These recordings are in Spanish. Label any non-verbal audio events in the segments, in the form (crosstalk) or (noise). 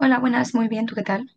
Hola, buenas, muy bien, ¿tú qué tal?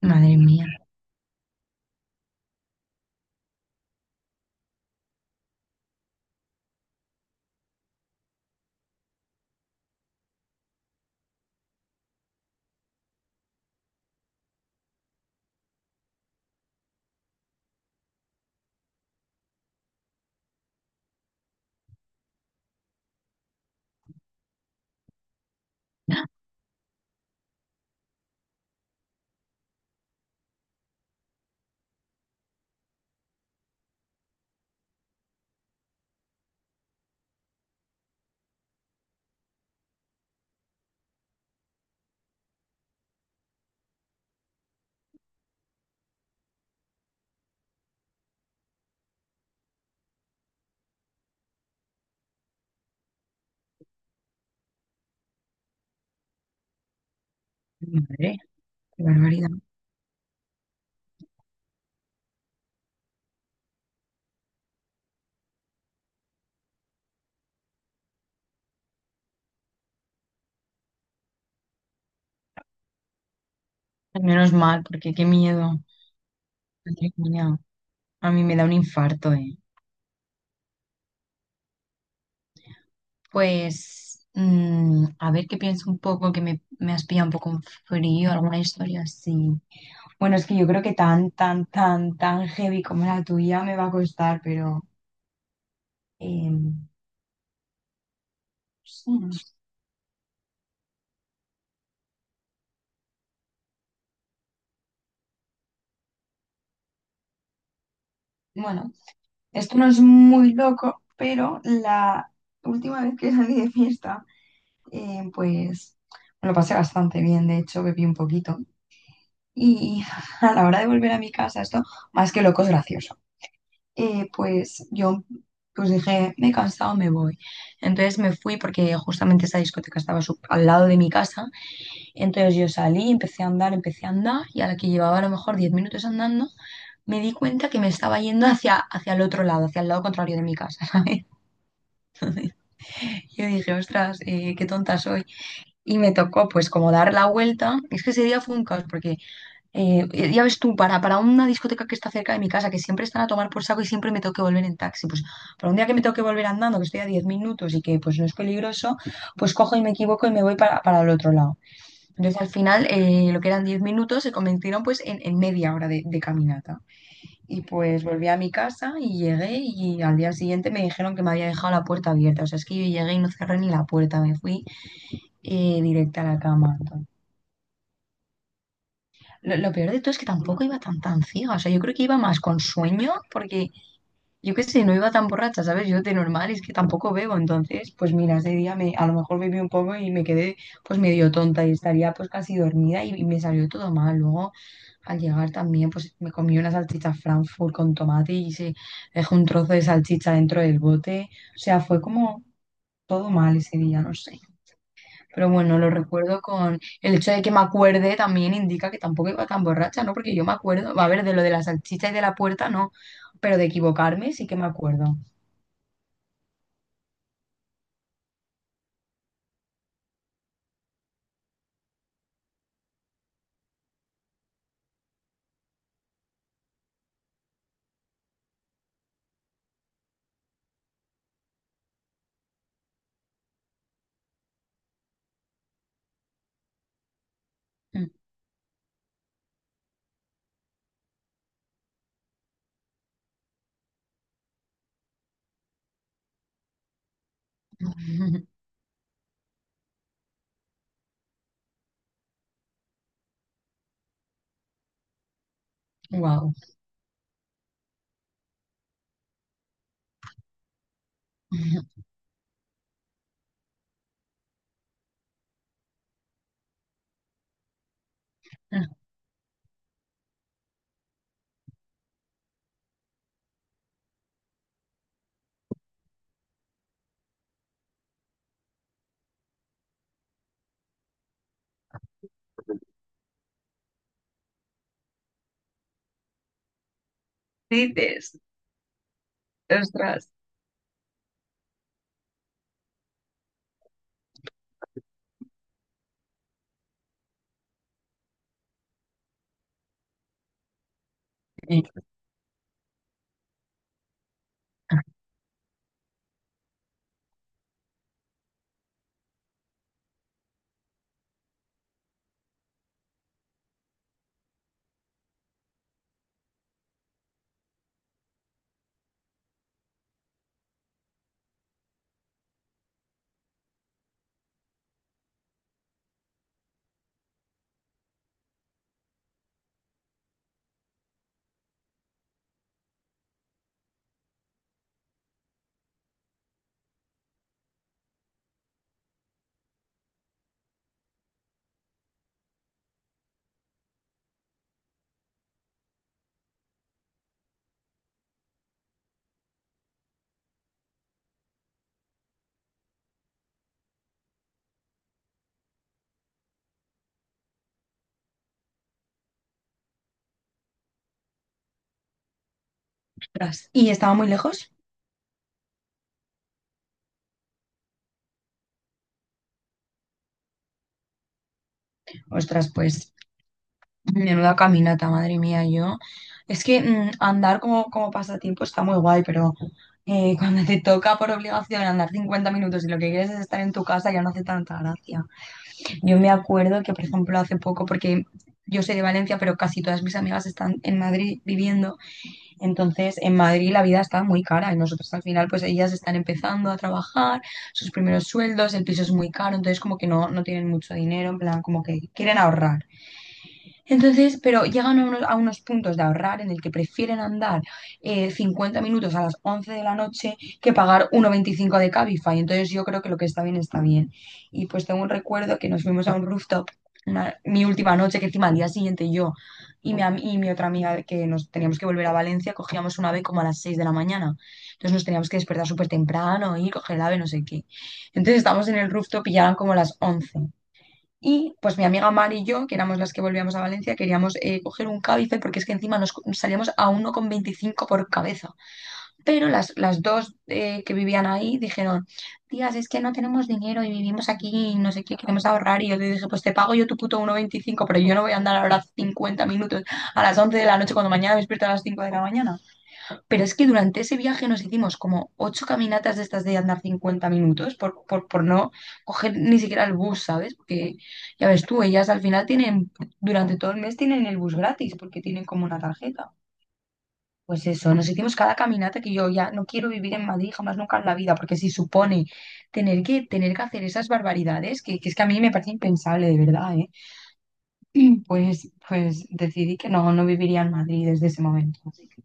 Madre mía, madre, qué barbaridad. Menos mal, porque qué miedo. Madre mía, a mí me da un infarto, ¿eh? Pues, a ver qué pienso un poco, que me has pillado un poco en frío, alguna historia así. Bueno, es que yo creo que tan, tan, tan, tan heavy como la tuya me va a costar, pero... em, sí, no sé. Bueno, esto no es muy loco, pero la última vez que salí de fiesta. Pues me lo pasé bastante bien, de hecho, bebí un poquito. Y (laughs) a la hora de volver a mi casa, esto más que loco es gracioso. Pues yo pues dije, me he cansado, me voy. Entonces me fui porque justamente esa discoteca estaba al lado de mi casa. Entonces yo salí, empecé a andar y a la que llevaba a lo mejor 10 minutos andando, me di cuenta que me estaba yendo hacia el otro lado, hacia el lado contrario de mi casa, (laughs) ¿sabes? Yo dije, ostras, qué tonta soy. Y me tocó pues como dar la vuelta. Es que ese día fue un caos porque ya ves tú, para una discoteca que está cerca de mi casa, que siempre están a tomar por saco y siempre me tengo que volver en taxi, pues para un día que me tengo que volver andando, que estoy a 10 minutos y que pues no es peligroso, pues cojo y me equivoco y me voy para el otro lado. Entonces al final lo que eran 10 minutos se convirtieron pues en media hora de caminata. Y pues volví a mi casa y llegué y al día siguiente me dijeron que me había dejado la puerta abierta. O sea, es que yo llegué y no cerré ni la puerta, me fui directa a la cama. Lo peor de todo es que tampoco iba tan tan ciega. O sea, yo creo que iba más con sueño, porque yo qué sé, no iba tan borracha, ¿sabes? Yo de normal es que tampoco bebo. Entonces, pues mira, ese día a lo mejor bebí un poco y me quedé pues medio tonta y estaría pues casi dormida y me salió todo mal. Luego, al llegar también, pues me comí una salchicha Frankfurt con tomate y se dejó un trozo de salchicha dentro del bote. O sea, fue como todo mal ese día, no sé. Pero bueno, lo recuerdo con el hecho de que me acuerde también indica que tampoco iba tan borracha, ¿no? Porque yo me acuerdo, va a ver, de lo de las salchichas y de la puerta, no, pero de equivocarme sí que me acuerdo. (laughs) Wow. (laughs) Dices, ostras. Sí, ostras. ¿Y estaba muy lejos? Ostras, pues, menuda caminata, madre mía, yo. Es que andar como pasatiempo está muy guay, pero (laughs) cuando te toca por obligación andar 50 minutos y lo que quieres es estar en tu casa, ya no hace tanta gracia. Yo me acuerdo que, por ejemplo, hace poco, porque yo soy de Valencia, pero casi todas mis amigas están en Madrid viviendo, entonces en Madrid la vida está muy cara y nosotros al final, pues ellas están empezando a trabajar, sus primeros sueldos, el piso es muy caro, entonces como que no, no tienen mucho dinero, en plan, como que quieren ahorrar. Entonces, pero llegan a unos puntos de ahorrar en el que prefieren andar 50 minutos a las 11 de la noche que pagar 1,25 de Cabify. Entonces, yo creo que lo que está bien está bien. Y pues tengo un recuerdo que nos fuimos a un rooftop mi última noche, que encima al día siguiente yo y mi otra amiga que nos teníamos que volver a Valencia, cogíamos un ave como a las 6 de la mañana. Entonces nos teníamos que despertar súper temprano y coger el ave, no sé qué. Entonces estábamos en el rooftop y ya eran como las 11. Y pues mi amiga Mari y yo, que éramos las que volvíamos a Valencia, queríamos coger un Cabify porque es que encima nos salíamos a 1,25 por cabeza. Pero las dos que vivían ahí dijeron, tías, es que no tenemos dinero y vivimos aquí y no sé qué, queremos ahorrar. Y yo le dije, pues te pago yo tu puto 1,25 pero yo no voy a andar ahora 50 minutos a las 11 de la noche cuando mañana me despierto a las 5 de la mañana. Pero es que durante ese viaje nos hicimos como ocho caminatas de estas de andar 50 minutos por no coger ni siquiera el bus, ¿sabes? Porque ya ves tú, ellas al final tienen, durante todo el mes tienen el bus gratis porque tienen como una tarjeta. Pues eso, nos hicimos cada caminata que yo ya no quiero vivir en Madrid jamás nunca en la vida, porque si supone tener que hacer esas barbaridades, que es que a mí me parece impensable, de verdad, ¿eh? (clears throat) Pues decidí que no, no viviría en Madrid desde ese momento. Así que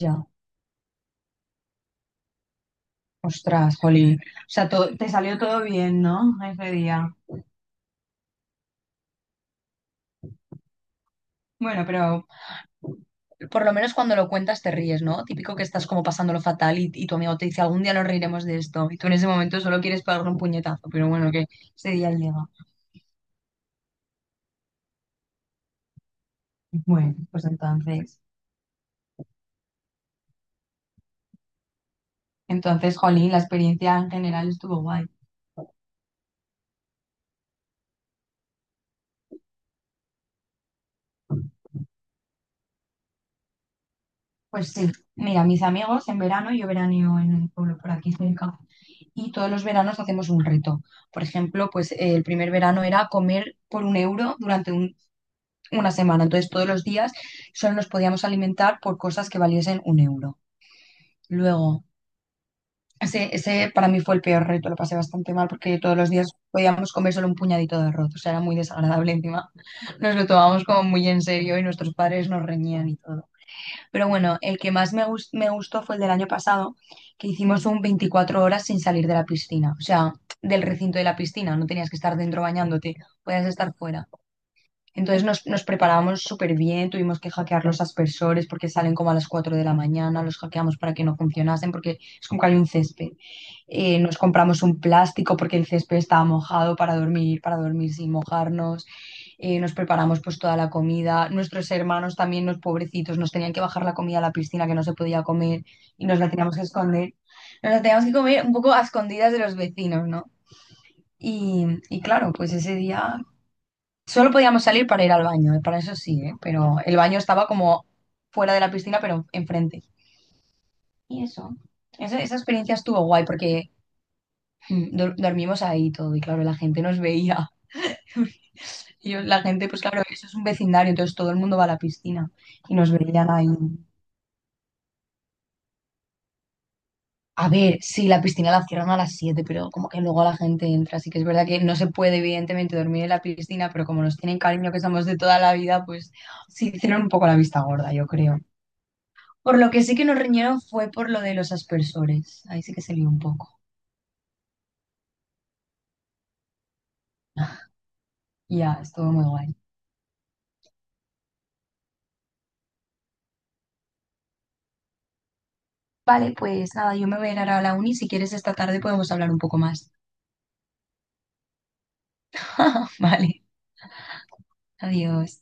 ya. Ostras, jolín. O sea, te salió todo bien, ¿no? Ese día. Bueno, pero por lo menos cuando lo cuentas te ríes, ¿no? Típico que estás como pasándolo fatal y tu amigo te dice, algún día nos reiremos de esto. Y tú en ese momento solo quieres pegarle un puñetazo, pero bueno, que ese día llega. Bueno, pues entonces. Entonces, jolín, la experiencia en general estuvo guay. Pues sí, mira, mis amigos en verano, yo veraneo en un pueblo por aquí cerca, y todos los veranos hacemos un reto. Por ejemplo, pues el primer verano era comer por un euro durante una semana. Entonces, todos los días solo nos podíamos alimentar por cosas que valiesen un euro. Luego, ese para mí fue el peor reto, lo pasé bastante mal porque todos los días podíamos comer solo un puñadito de arroz, o sea, era muy desagradable encima. Nos lo tomábamos como muy en serio y nuestros padres nos reñían y todo. Pero bueno, el que más me gustó fue el del año pasado, que hicimos un 24 horas sin salir de la piscina, o sea, del recinto de la piscina, no tenías que estar dentro bañándote, podías estar fuera. Entonces nos preparábamos súper bien, tuvimos que hackear los aspersores porque salen como a las 4 de la mañana, los hackeamos para que no funcionasen porque es como que hay un césped. Nos compramos un plástico porque el césped estaba mojado para dormir sin mojarnos. Nos preparamos pues toda la comida. Nuestros hermanos también, los pobrecitos, nos tenían que bajar la comida a la piscina que no se podía comer y nos la teníamos que esconder. Nos la teníamos que comer un poco a escondidas de los vecinos, ¿no? Y claro, pues ese día solo podíamos salir para ir al baño, ¿eh? Para eso sí, ¿eh? Pero el baño estaba como fuera de la piscina, pero enfrente. Y eso, esa experiencia estuvo guay porque dormimos ahí y todo y claro, la gente nos veía. (laughs) La gente, pues claro, eso es un vecindario, entonces todo el mundo va a la piscina y nos veían ahí. A ver, sí, la piscina la cierran a las 7, pero como que luego la gente entra, así que es verdad que no se puede evidentemente dormir en la piscina, pero como nos tienen cariño que somos de toda la vida, pues sí hicieron un poco la vista gorda, yo creo. Por lo que sí que nos riñeron fue por lo de los aspersores. Ahí sí que se lió un poco. (laughs) Ya, estuvo muy guay. Vale, pues nada, yo me voy a ir ahora a la uni. Si quieres, esta tarde podemos hablar un poco más. (laughs) Vale, adiós.